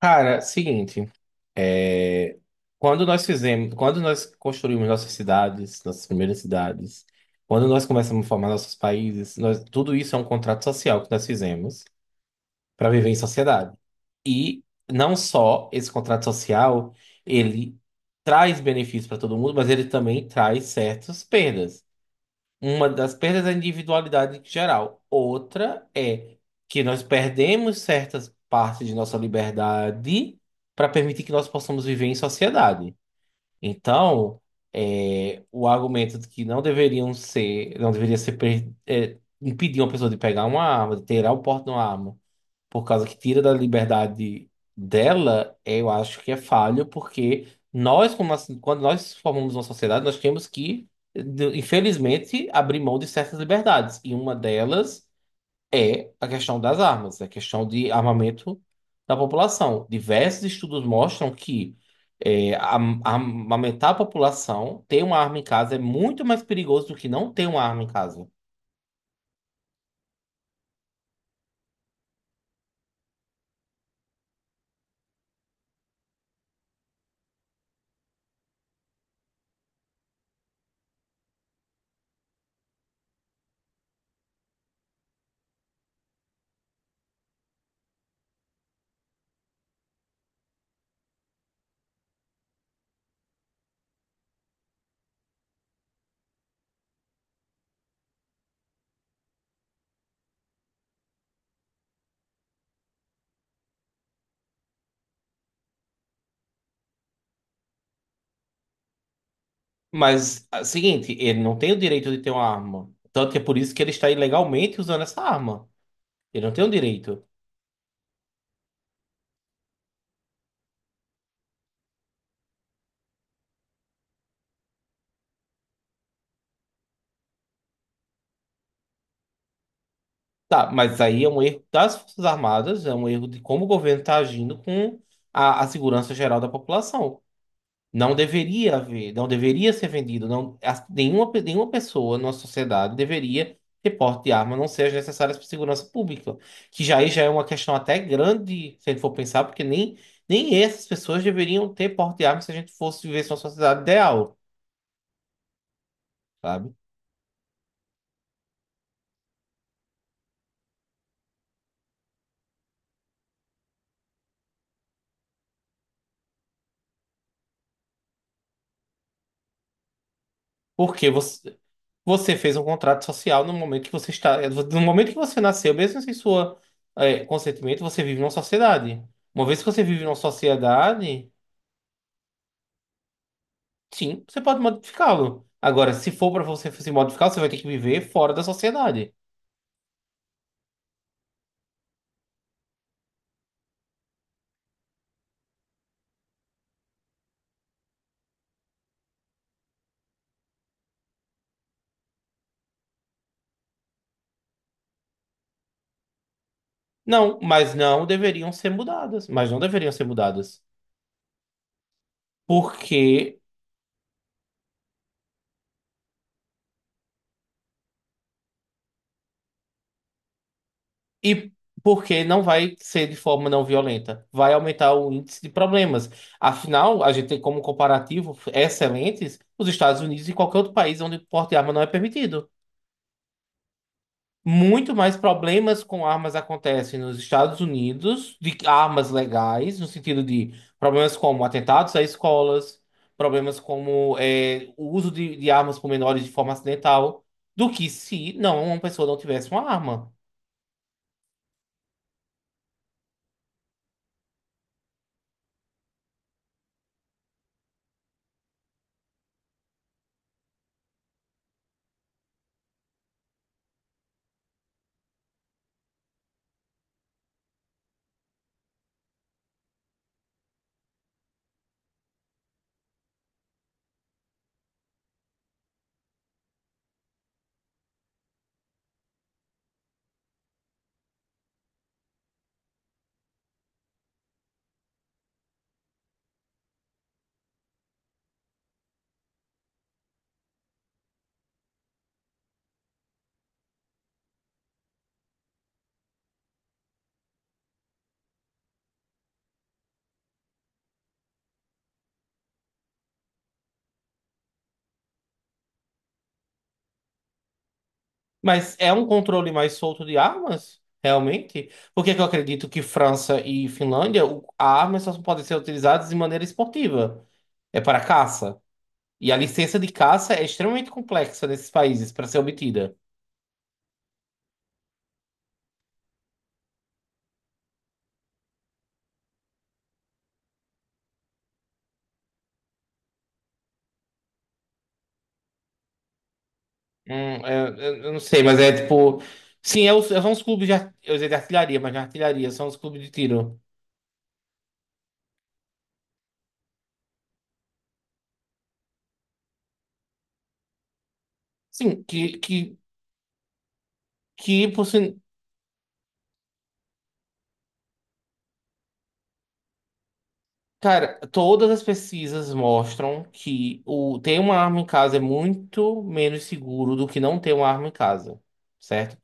Cara, seguinte, é, quando nós fizemos, quando nós construímos nossas cidades, nossas primeiras cidades, quando nós começamos a formar nossos países, tudo isso é um contrato social que nós fizemos para viver em sociedade. E não só esse contrato social, ele traz benefícios para todo mundo, mas ele também traz certas perdas. Uma das perdas da individualidade geral. Outra é que nós perdemos certas partes de nossa liberdade para permitir que nós possamos viver em sociedade. Então, o argumento de que não deveriam ser, não deveria ser impedir uma pessoa de pegar uma arma, de ter o porte de uma arma por causa que tira da liberdade dela, eu acho que é falho, porque nós, como assim, quando nós formamos uma sociedade, nós temos que, infelizmente, abrir mão de certas liberdades. E uma delas é a questão das armas, é a questão de armamento da população. Diversos estudos mostram que armamentar a população, ter uma arma em casa é muito mais perigoso do que não ter uma arma em casa. Mas, é o seguinte, ele não tem o direito de ter uma arma. Tanto que é por isso que ele está ilegalmente usando essa arma. Ele não tem o direito. Tá, mas aí é um erro das Forças Armadas, é um erro de como o governo está agindo com a segurança geral da população. Não deveria haver, não deveria ser vendido, não, nenhuma, nenhuma pessoa na nossa sociedade deveria ter porte de arma, a não ser as necessárias para segurança pública, que já aí já é uma questão até grande, se a gente for pensar, porque nem, nem essas pessoas deveriam ter porte de arma se a gente fosse viver numa sociedade ideal, sabe? Porque você, você fez um contrato social no momento que você está, no momento que você nasceu, mesmo sem sua, consentimento, você vive numa sociedade. Uma vez que você vive numa sociedade. Sim, você pode modificá-lo. Agora, se for para você se modificar, você vai ter que viver fora da sociedade. Não, mas não deveriam ser mudadas. Mas não deveriam ser mudadas. Porque e porque não vai ser de forma não violenta. Vai aumentar o índice de problemas. Afinal, a gente tem como comparativo excelentes os Estados Unidos e qualquer outro país onde o porte de arma não é permitido. Muito mais problemas com armas acontecem nos Estados Unidos, de armas legais, no sentido de problemas como atentados a escolas, problemas como o uso de armas por menores de forma acidental, do que se não uma pessoa não tivesse uma arma. Mas é um controle mais solto de armas, realmente? Porque é que eu acredito que França e Finlândia, a arma só podem ser utilizadas de maneira esportiva, é para caça. E a licença de caça é extremamente complexa nesses países para ser obtida. Hum, eu não sei, mas é tipo. Sim, é são os clubes de, eu ia dizer de artilharia, mas de artilharia, são os clubes de tiro. Sim, que, que por sin- Cara, todas as pesquisas mostram que o ter uma arma em casa é muito menos seguro do que não ter uma arma em casa, certo?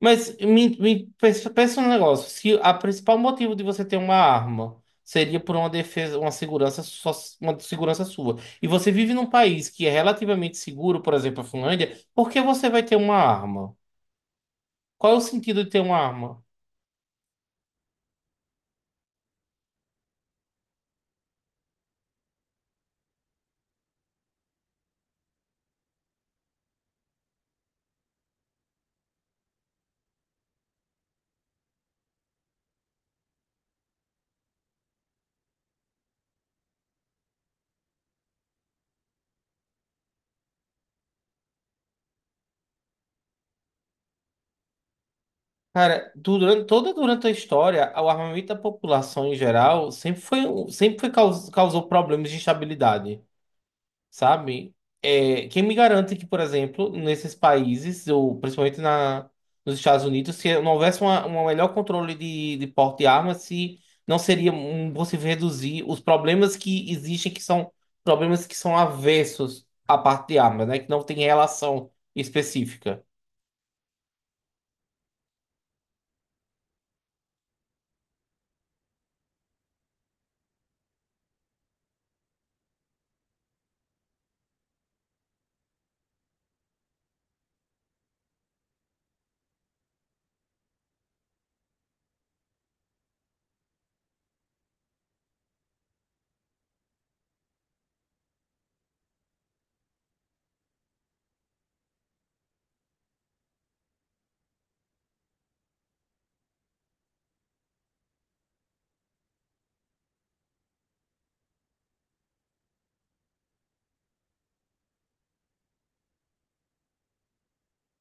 Mas me, pensa, pensa um negócio. Se a principal motivo de você ter uma arma seria por uma defesa, uma segurança, só, uma segurança sua, e você vive num país que é relativamente seguro, por exemplo, a Finlândia, por que você vai ter uma arma? Qual é o sentido de ter uma arma? Cara, durante, toda durante a história, o armamento da população em geral sempre foi, sempre foi, causou problemas de instabilidade. Sabe? É, quem me garante que, por exemplo, nesses países, ou principalmente na, nos Estados Unidos, se não houvesse uma, um melhor controle de porte de armas, se não seria possível reduzir os problemas que existem, que são problemas que são avessos à parte de armas, né? Que não tem relação específica.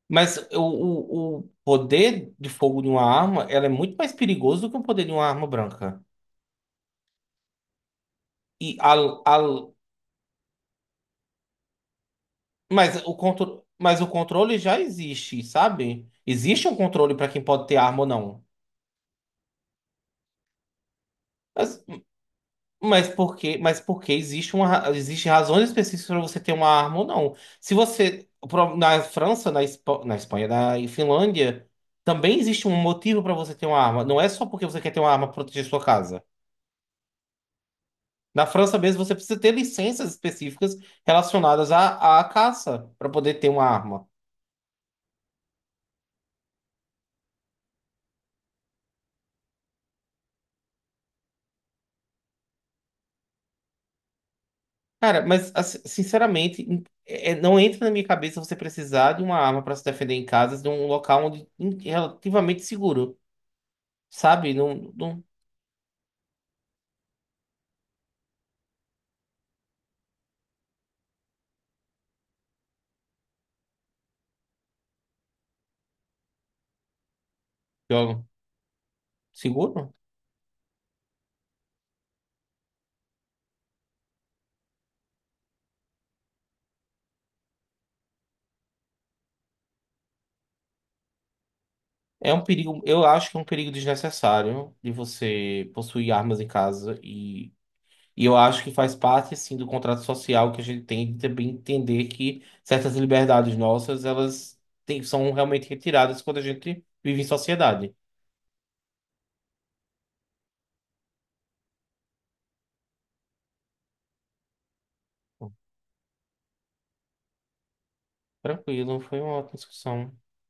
Mas o poder de fogo de uma arma, ela é muito mais perigoso do que o poder de uma arma branca. E a, Mas o contro... Mas o controle já existe, sabe? Existe um controle para quem pode ter arma ou não. Mas, mas por quê? Mas porque existe uma... existe razões específicas para você ter uma arma ou não. Se você na França, na, na Espanha, na Finlândia, também existe um motivo para você ter uma arma. Não é só porque você quer ter uma arma para proteger sua casa. Na França mesmo, você precisa ter licenças específicas relacionadas à, à caça para poder ter uma arma. Cara, mas assim, sinceramente, não entra na minha cabeça você precisar de uma arma para se defender em casa, de um local onde relativamente seguro, sabe? Não, não, eu- seguro? É um perigo, eu acho que é um perigo desnecessário de você possuir armas em casa e eu acho que faz parte assim do contrato social que a gente tem de também entender que certas liberdades nossas, elas são realmente retiradas quando a gente vive em sociedade. Tranquilo, foi uma ótima discussão.